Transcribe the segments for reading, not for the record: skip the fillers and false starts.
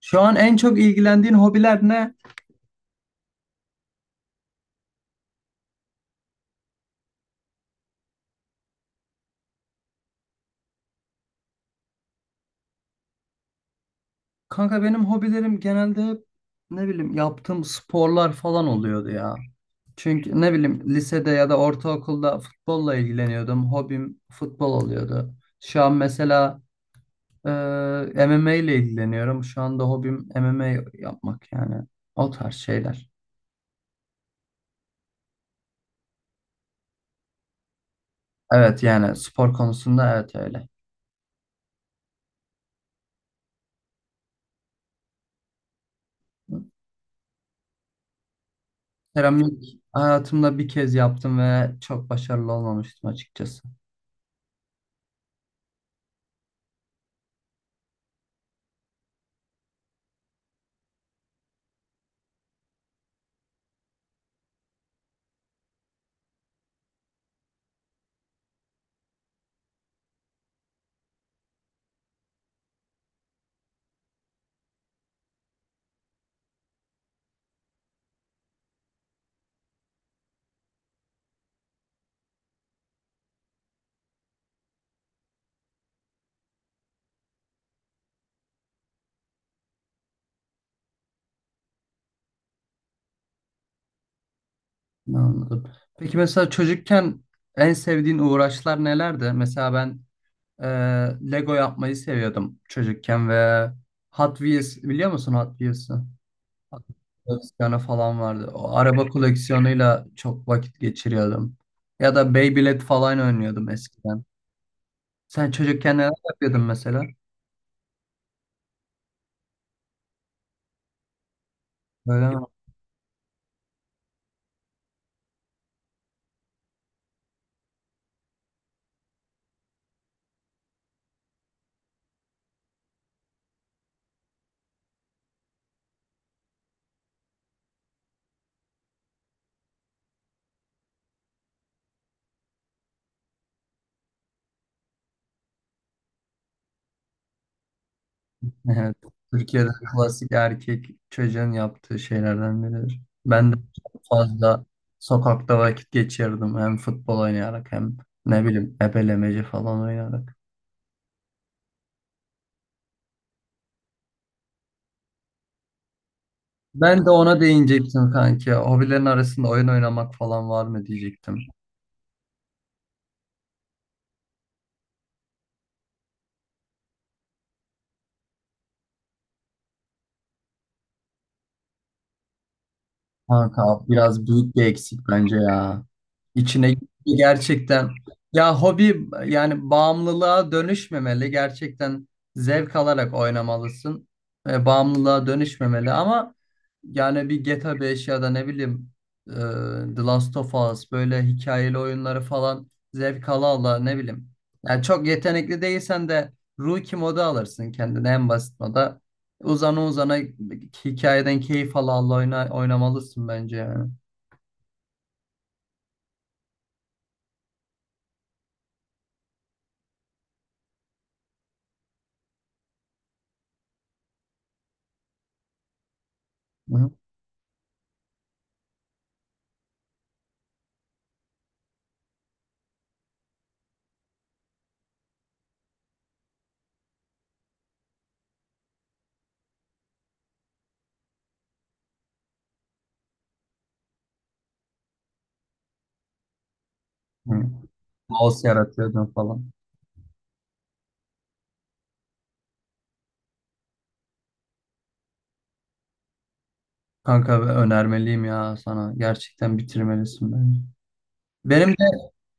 Şu an en çok ilgilendiğin hobiler ne? Kanka benim hobilerim genelde hep ne bileyim yaptığım sporlar falan oluyordu ya. Çünkü ne bileyim lisede ya da ortaokulda futbolla ilgileniyordum. Hobim futbol oluyordu. Şu an mesela e, MMA ile ilgileniyorum. Şu anda hobim MMA yapmak yani o tarz şeyler. Evet, yani spor konusunda evet öyle. Seramik hayatımda bir kez yaptım ve çok başarılı olmamıştım açıkçası. Anladım. Peki mesela çocukken en sevdiğin uğraşlar nelerdi? Mesela ben e, Lego yapmayı seviyordum çocukken ve Hot Wheels biliyor musun, Hot Wheels'ı? Hot Wheels koleksiyonu falan vardı. O araba koleksiyonuyla çok vakit geçiriyordum. Ya da Beyblade falan oynuyordum eskiden. Sen çocukken neler yapıyordun mesela? Böyle mi? Evet, Türkiye'de klasik erkek çocuğun yaptığı şeylerden biridir. Ben de çok fazla sokakta vakit geçirdim. Hem futbol oynayarak hem ne bileyim ebelemeci falan oynayarak. Ben de ona değinecektim kanki. Hobilerin arasında oyun oynamak falan var mı diyecektim. Kanka biraz büyük bir eksik bence ya. İçine gitti gerçekten. Ya hobi yani bağımlılığa dönüşmemeli. Gerçekten zevk alarak oynamalısın. Bağımlılığa dönüşmemeli ama yani bir GTA 5 ya da ne bileyim e, The Last of Us, böyle hikayeli oyunları falan zevk ala ala ne bileyim. Yani çok yetenekli değilsen de Rookie modu alırsın kendine, en basit moda. Uzana uzana hikayeden keyif ala ala oynamalısın bence yani. Hı hı. Kaos yaratıyordun falan. Kanka ve önermeliyim ya sana. Gerçekten bitirmelisin bence. Benim de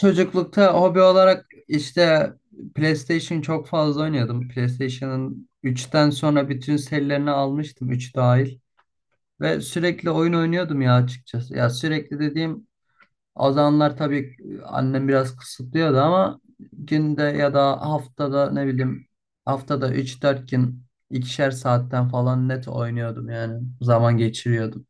çocuklukta hobi olarak işte PlayStation çok fazla oynuyordum. PlayStation'ın 3'ten sonra bütün serilerini almıştım, 3 dahil. Ve sürekli oyun oynuyordum ya açıkçası. Ya, sürekli dediğim, o zamanlar tabii annem biraz kısıtlıyordu ama günde ya da haftada ne bileyim haftada üç dört gün ikişer saatten falan net oynuyordum yani zaman geçiriyordum.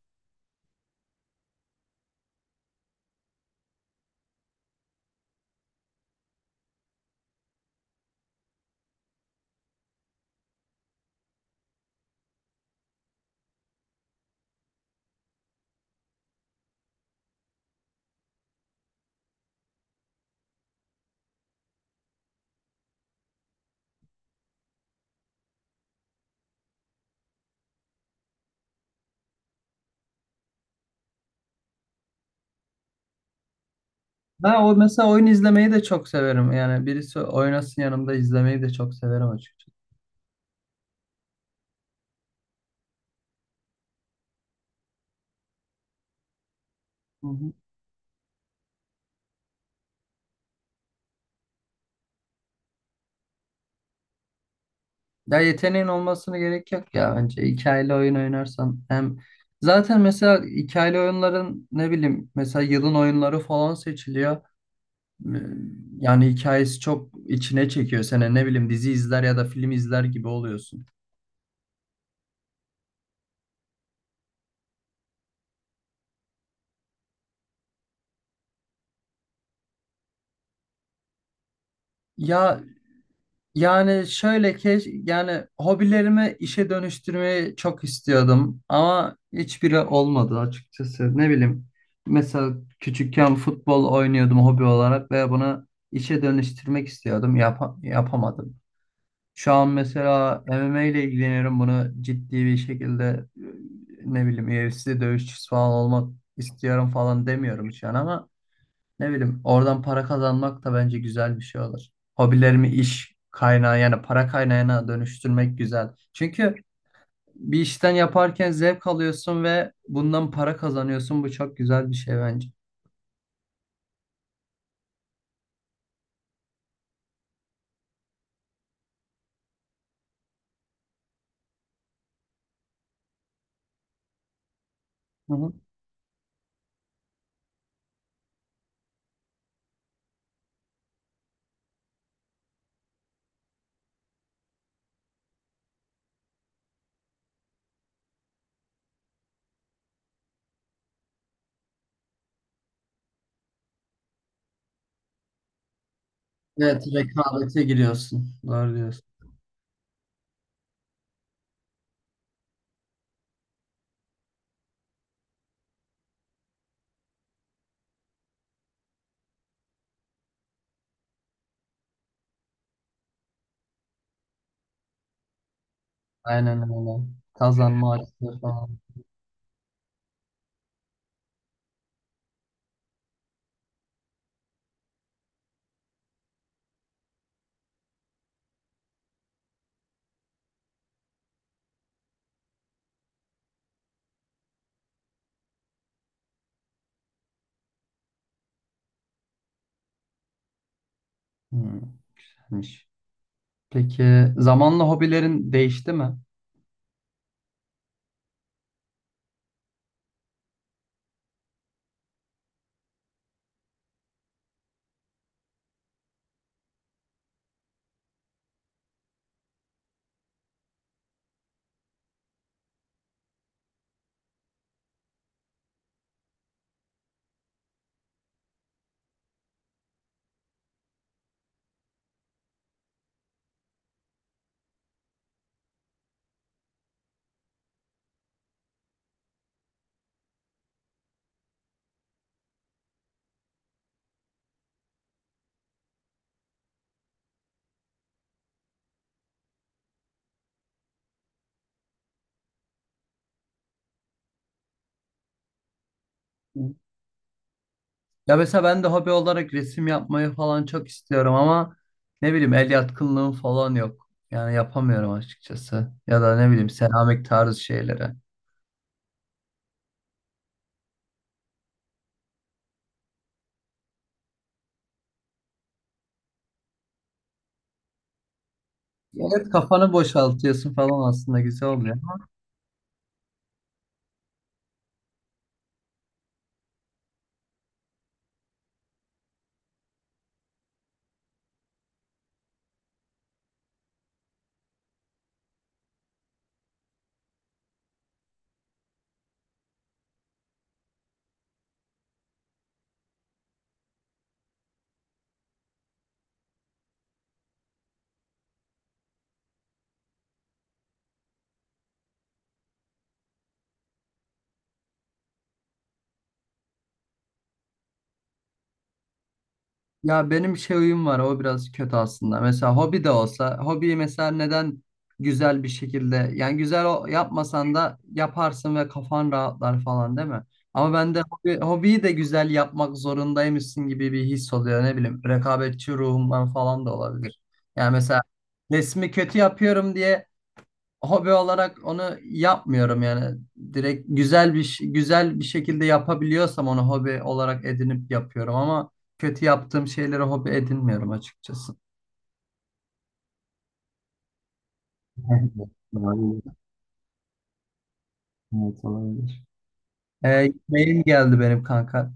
Ben o mesela oyun izlemeyi de çok severim. Yani birisi oynasın yanımda, izlemeyi de çok severim açıkçası. Hı hı. Ya yeteneğin olmasına gerek yok ya bence. Hikayeli oyun oynarsan hem zaten mesela hikayeli oyunların ne bileyim mesela yılın oyunları falan seçiliyor. Ee, Yani hikayesi çok içine çekiyor seni. Ne bileyim dizi izler ya da film izler gibi oluyorsun. Ya yani şöyle ki, yani hobilerimi işe dönüştürmeyi çok istiyordum ama hiçbiri olmadı açıkçası. Ne bileyim mesela küçükken futbol oynuyordum hobi olarak ve bunu işe dönüştürmek istiyordum. Yapamadım. Şu an mesela MMA ile ilgileniyorum. Bunu ciddi bir şekilde ne bileyim UFC dövüşçüsü falan olmak istiyorum falan demiyorum şu an ama ne bileyim oradan para kazanmak da bence güzel bir şey olur. Hobilerimi iş kaynağı, yani para kaynağına dönüştürmek güzel. Çünkü bir işten yaparken zevk alıyorsun ve bundan para kazanıyorsun. Bu çok güzel bir şey bence. Hı hı. Evet, rekabete giriyorsun. Doğru diyorsun. Aynen öyle. Kazanma açısı falan. Hmm. Peki zamanla hobilerin değişti mi? Ya mesela ben de hobi olarak resim yapmayı falan çok istiyorum ama ne bileyim el yatkınlığım falan yok. Yani yapamıyorum açıkçası. Ya da ne bileyim seramik tarzı şeylere. Evet, kafanı boşaltıyorsun falan, aslında güzel oluyor. Ya benim şey huyum var, o biraz kötü aslında. Mesela hobi de olsa hobiyi mesela neden güzel bir şekilde, yani yapmasan da yaparsın ve kafan rahatlar falan değil mi? Ama ben de hobiyi de güzel yapmak zorundaymışsın gibi bir his oluyor, ne bileyim rekabetçi ruhumdan falan da olabilir. Yani mesela resmi kötü yapıyorum diye hobi olarak onu yapmıyorum yani. Direkt güzel güzel bir şekilde yapabiliyorsam onu hobi olarak edinip yapıyorum ama kötü yaptığım şeyleri hobi edinmiyorum açıkçası. Evet, olabilir. Evet, olabilir. Mail geldi benim kanka.